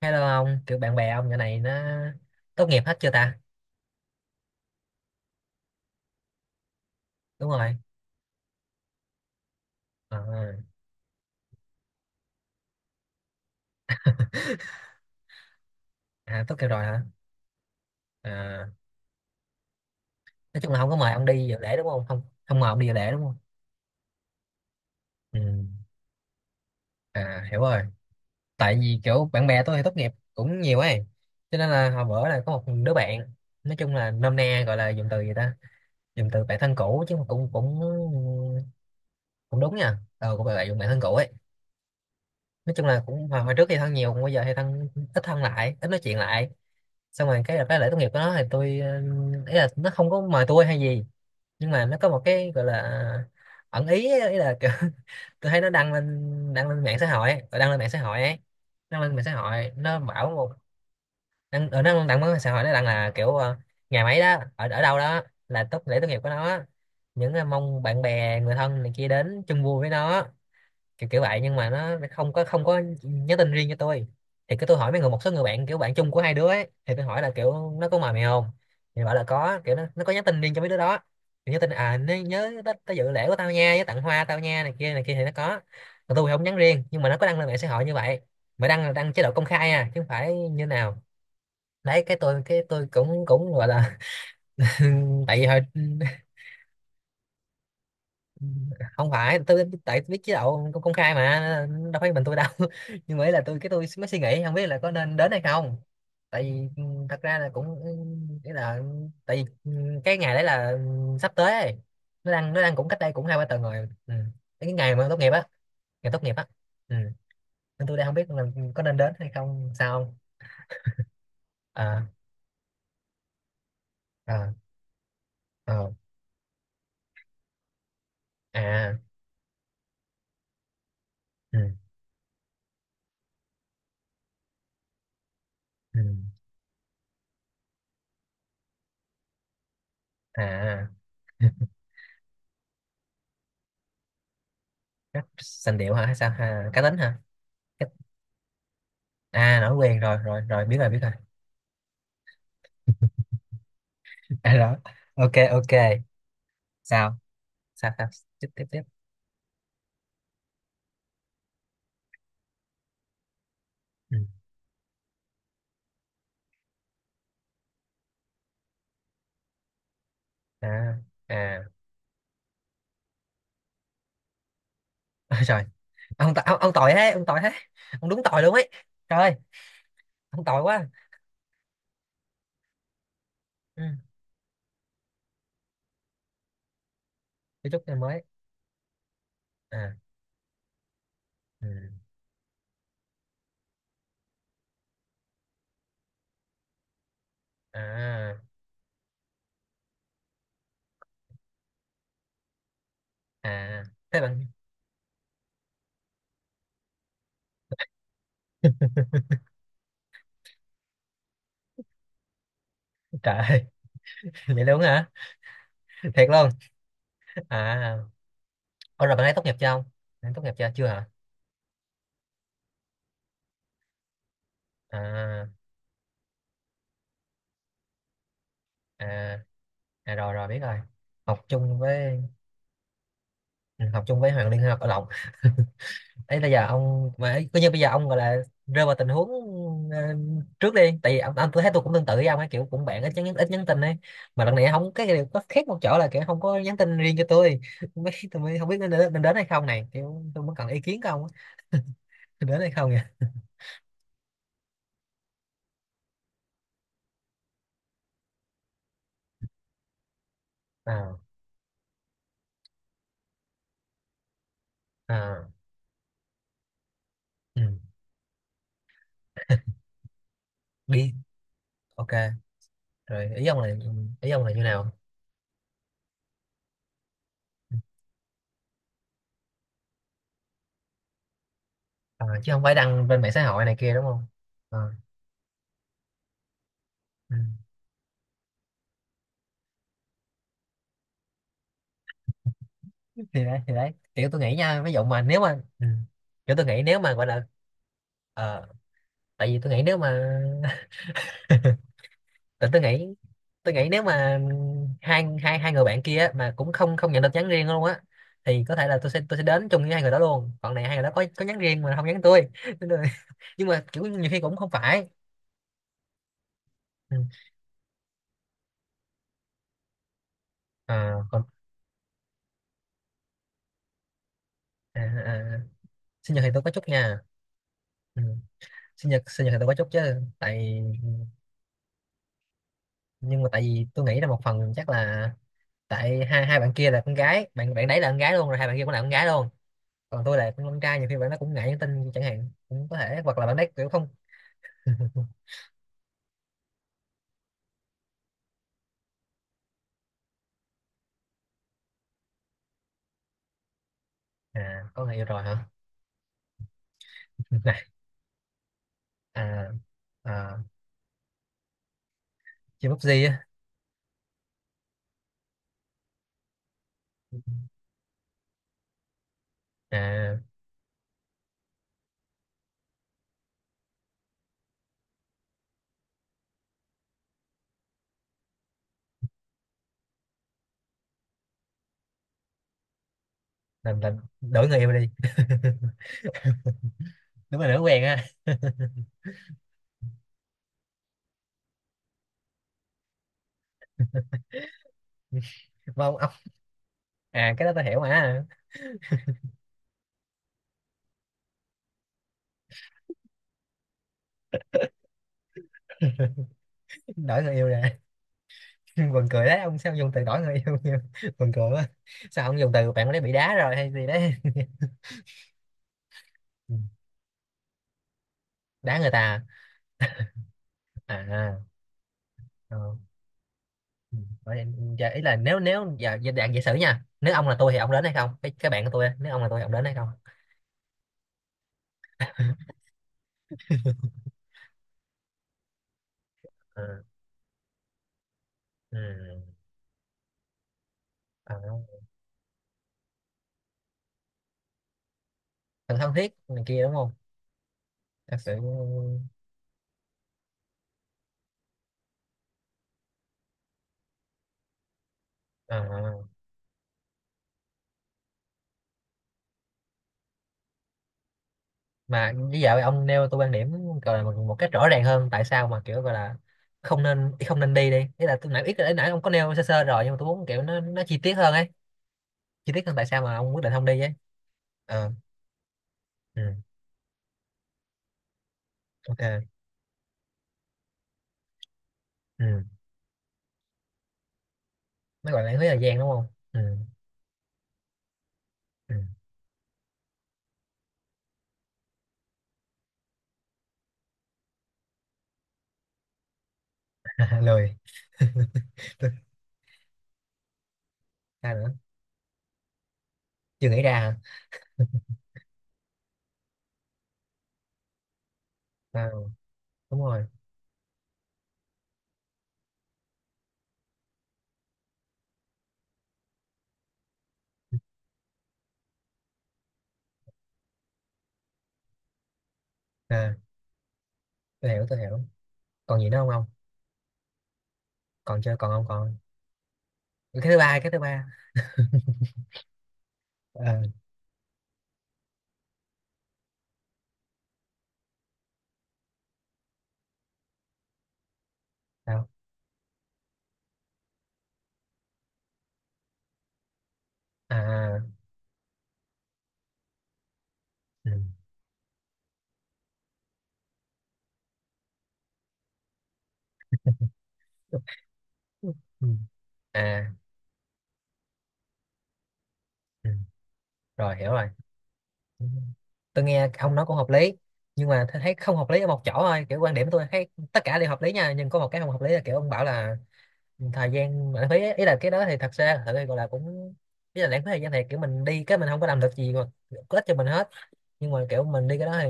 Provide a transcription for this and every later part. Hello ông, kiểu bạn bè ông nhỏ này nó tốt nghiệp hết chưa ta? Đúng rồi. À, à tốt nghiệp rồi hả? À, nói chung là không có mời ông đi dự lễ đúng không? Không mời ông đi dự lễ đúng không? Ừ. À hiểu rồi. Tại vì kiểu bạn bè tôi thì tốt nghiệp cũng nhiều ấy. Cho nên là hồi bữa là có một đứa bạn nói chung là nôm na gọi là dùng từ gì ta? Dùng từ bạn thân cũ chứ mà cũng cũng cũng đúng nha. Ờ cũng gọi là dùng bạn thân cũ ấy, nói chung là cũng hồi, hồi trước thì thân nhiều, còn bây giờ thì thân ít, thân lại ít nói chuyện lại. Xong rồi cái lễ tốt nghiệp của nó thì tôi ý là nó không có mời tôi hay gì, nhưng mà nó có một cái gọi là ẩn ý ấy, ý là kiểu, tôi thấy nó đăng lên, đăng lên mạng xã hội ấy, đăng lên mạng xã hội ấy, đăng lên mạng xã hội nó bảo một, đăng ở nó đăng mạng xã hội, nó đăng là kiểu ngày mấy đó ở ở đâu đó là tốt lễ tốt nghiệp của nó, những mong bạn bè người thân này kia đến chung vui với nó, kiểu kiểu vậy, nhưng mà nó không có nhắn tin riêng cho tôi. Thì cứ tôi hỏi mấy người, một số người bạn, kiểu bạn chung của hai đứa ấy, thì tôi hỏi là kiểu nó có mời mày không, thì bảo là có, kiểu nó có nhắn tin riêng cho mấy đứa đó, thì nhắn tin à nó nhớ tới, tới dự lễ của tao nha, với tặng hoa tao nha, này kia thì nó có. Còn tôi thì không nhắn riêng, nhưng mà nó có đăng lên mạng xã hội như vậy, mà đăng là đăng chế độ công khai à chứ không phải như nào. Đấy cái tôi cũng cũng gọi là tại vì hồi không phải tôi, tại tôi biết chế độ công công khai mà, đâu phải mình tôi đâu. Nhưng mà ý là tôi, cái tôi mới suy nghĩ không biết là có nên đến hay không, tại vì thật ra là cũng nghĩa là, tại vì cái ngày đấy là sắp tới ấy. Nó đang, nó đang cũng cách đây cũng hai ba tuần rồi. Ừ. Cái ngày mà tốt nghiệp á, ngày tốt nghiệp á. Ừ. Nên tôi đang không biết là có nên đến hay không sao không. À, à, à, à. Ừ. Ừ, à. Cách sành điệu hả hay sao à, cá tính hả? À nói quen rồi, rồi rồi biết rồi biết rồi. À đó, ok ok. Sao, sao sao? Tiếp tiếp tiếp. Ừ. À, à. Ôi trời, ông, ông tội thế, ông tội thế, ông đúng tội luôn ấy. Trời ơi, ông tội quá. Ừ. Cho chút em mới. À. Ừ. À, à, thế bạn. Trời ơi, vậy luôn hả? Thiệt luôn. À. Ôi rồi bạn ấy tốt nghiệp chưa không, bạn ấy tốt nghiệp chưa, chưa hả? À. À, à rồi rồi biết rồi. Học chung với, ừ, học chung với Hoàng Liên hay học ở Lộc ấy. Bây giờ ông mà ấy, coi như bây giờ ông gọi là rơi vào tình huống ờ, trước đi, tại vì ông tôi thấy tôi cũng tương tự với ông ấy, kiểu cũng bạn ít nhắn, ít nhắn tin ấy, mà lần này không, cái điều có khác một chỗ là kiểu không có nhắn tin riêng cho tôi. Mấy tôi mới không biết nên đến hay không này, kiểu tôi mới cần ý kiến của ông á. Nên đến hay không nha? À, à, ừ. Đi, ok, rồi ý ông là, ý ông là như nào? À, chứ không phải đăng bên mạng xã hội này kia đúng không? À, ừ. Thì đấy, thì đấy kiểu tôi nghĩ nha, ví dụ mà nếu mà ừ. Kiểu tôi nghĩ nếu mà gọi là ờ, tại vì tôi nghĩ nếu mà tại tôi nghĩ, tôi nghĩ nếu mà hai hai hai người bạn kia á, mà cũng không không nhận được nhắn riêng luôn á, thì có thể là tôi sẽ đến chung với hai người đó luôn, còn này hai người đó có nhắn riêng mà không nhắn tôi. Nên là- nhưng mà kiểu nhiều khi cũng không phải. Ừ. À, còn, à, à, sinh nhật thì tôi có chút nha. Ừ. Sinh nhật, sinh nhật thì tôi có chút chứ tại, nhưng mà tại vì tôi nghĩ là một phần chắc là tại hai hai bạn kia là con gái, bạn bạn đấy là con gái luôn, rồi hai bạn kia cũng là con gái luôn, còn tôi là con trai, nhiều khi bạn nó cũng ngại nhắn tin chẳng hạn, cũng có thể, hoặc là bạn ấy kiểu không. À có người yêu rồi hả? Này. À, à, chơi PUBG á? À, làm đổi người yêu đi. Đúng là đổi quen á. Mà ông, à cái đó tôi hiểu mà. À, đổi người yêu nè. Buồn cười đấy, ông sao dùng từ đổi người yêu nhiều? Buồn cười quá. Sao ông dùng từ bạn ấy bị đá rồi hay gì đấy? Đá người ta. À, à, à, à. Ừ. Vậy, giờ ý là nếu nếu giờ giờ dạng giả sử nha, nếu ông là tôi thì ông đến hay không, cái cái bạn của tôi á, nếu ông là tôi thì ông đến hay không? Ờ, ừ. Ờ, thật thân thiết này kia đúng không, thật sự ờ, mà bây giờ ông nêu tôi quan điểm, gọi là một, một cách rõ ràng hơn tại sao mà kiểu gọi là không nên, không nên đi đi, ý là tôi nãy ít, nãy nãy ông có nêu sơ sơ rồi nhưng mà tôi muốn kiểu nó chi tiết hơn ấy, chi tiết hơn tại sao mà ông quyết định không đi ấy. Ờ, ừ, ok, ừ, nó gọi là lãng phí thời gian đúng không? Ừ, ừ. Lười. Ra nữa, chưa nghĩ ra hả? À, đúng rồi. À tôi hiểu, tôi hiểu. Còn gì nữa không ông? Còn chưa, còn không còn? Cái thứ ba, cái thứ ba. Ờ, sao? À, ừ. Ừ. À. Ừ. Rồi hiểu rồi. Tôi nghe ông nói cũng hợp lý, nhưng mà tôi thấy không hợp lý ở một chỗ thôi, kiểu quan điểm tôi thấy tất cả đều hợp lý nha, nhưng có một cái không hợp lý là kiểu ông bảo là thời gian lãng phí ấy. Ý là cái đó thì thật ra gọi là cũng, ý là lãng phí thời gian thì kiểu mình đi cái mình không có làm được gì mà có ích cho mình hết, nhưng mà kiểu mình đi cái đó thì,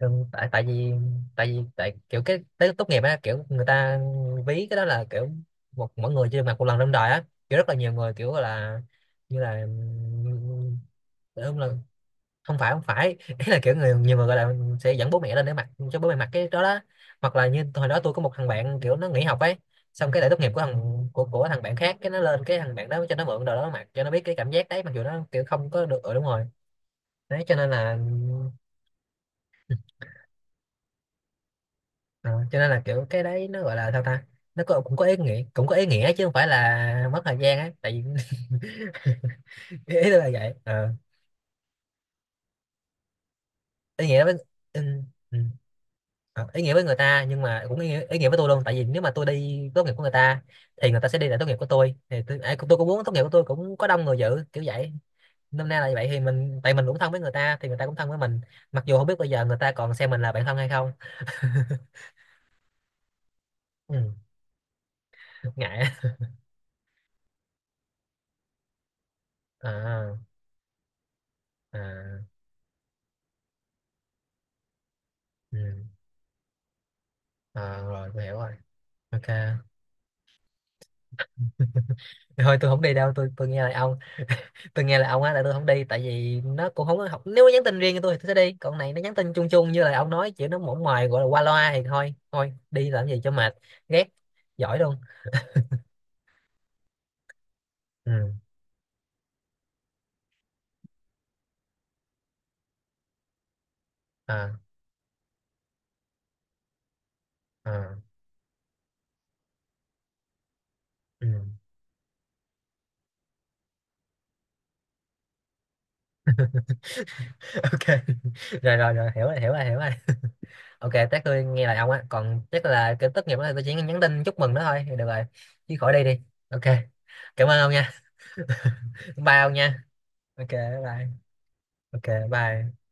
thường tại, tại vì tại kiểu cái tới tốt nghiệp á, kiểu người ta ví cái đó là kiểu một, mỗi người chưa được mặc một lần trong đời á, kiểu rất là nhiều người kiểu là, như là đúng là không phải, không phải. Ý là kiểu người, nhiều người gọi là sẽ dẫn bố mẹ lên để mặc cho bố mẹ mặc cái đó đó. Hoặc là như hồi đó tôi có một thằng bạn kiểu nó nghỉ học ấy, xong cái lễ tốt nghiệp của thằng, của thằng bạn khác, cái nó lên, cái thằng bạn đó cho nó mượn đồ đó mặc cho nó biết cái cảm giác đấy, mặc dù nó kiểu không có được, ừ đúng rồi. Đấy cho nên là, Ờ, cho nên là kiểu cái đấy nó gọi là sao ta, nó có, cũng có ý nghĩa, cũng có ý nghĩa chứ không phải là mất thời gian ấy tại vì ý ý tôi là vậy. Ờ, ý nghĩa với, ừ, ừ. Ờ, ý nghĩa với người ta, nhưng mà cũng ý nghĩa với tôi luôn, tại vì nếu mà tôi đi tốt nghiệp của người ta thì người ta sẽ đi lại tốt nghiệp của tôi, thì tôi, ai cũng- tôi cũng muốn tốt nghiệp của tôi cũng có đông người dự kiểu vậy, năm nay là vậy, thì mình tại mình cũng thân với người ta thì người ta cũng thân với mình, mặc dù không biết bây giờ người ta còn xem mình là bạn thân hay không. Ừ, ngại á. À, à, ừ. Ờ, rồi tôi hiểu rồi. Ok, thôi tôi không đi đâu, tôi nghe là ông, tôi nghe là ông á, là tôi không đi, tại vì nó cũng không có học, nếu nó nhắn tin riêng cho tôi thì tôi sẽ đi, còn này nó nhắn tin chung chung như là ông nói, kiểu nó mỏng ngoài gọi là qua loa thì thôi thôi đi làm gì cho mệt. Ghét, giỏi luôn. Ừ, à, à, ừ. Ok. Rồi rồi rồi, hiểu rồi, hiểu rồi, hiểu rồi. Ok, chắc tôi nghe lời ông á, còn chắc là cái tốt nghiệp đó là tôi chỉ nhắn tin chúc mừng nó thôi thì được rồi, chứ khỏi đi đi. Ok, cảm ơn ông nha. Bye ông nha. Ok. Bye. Ok bye.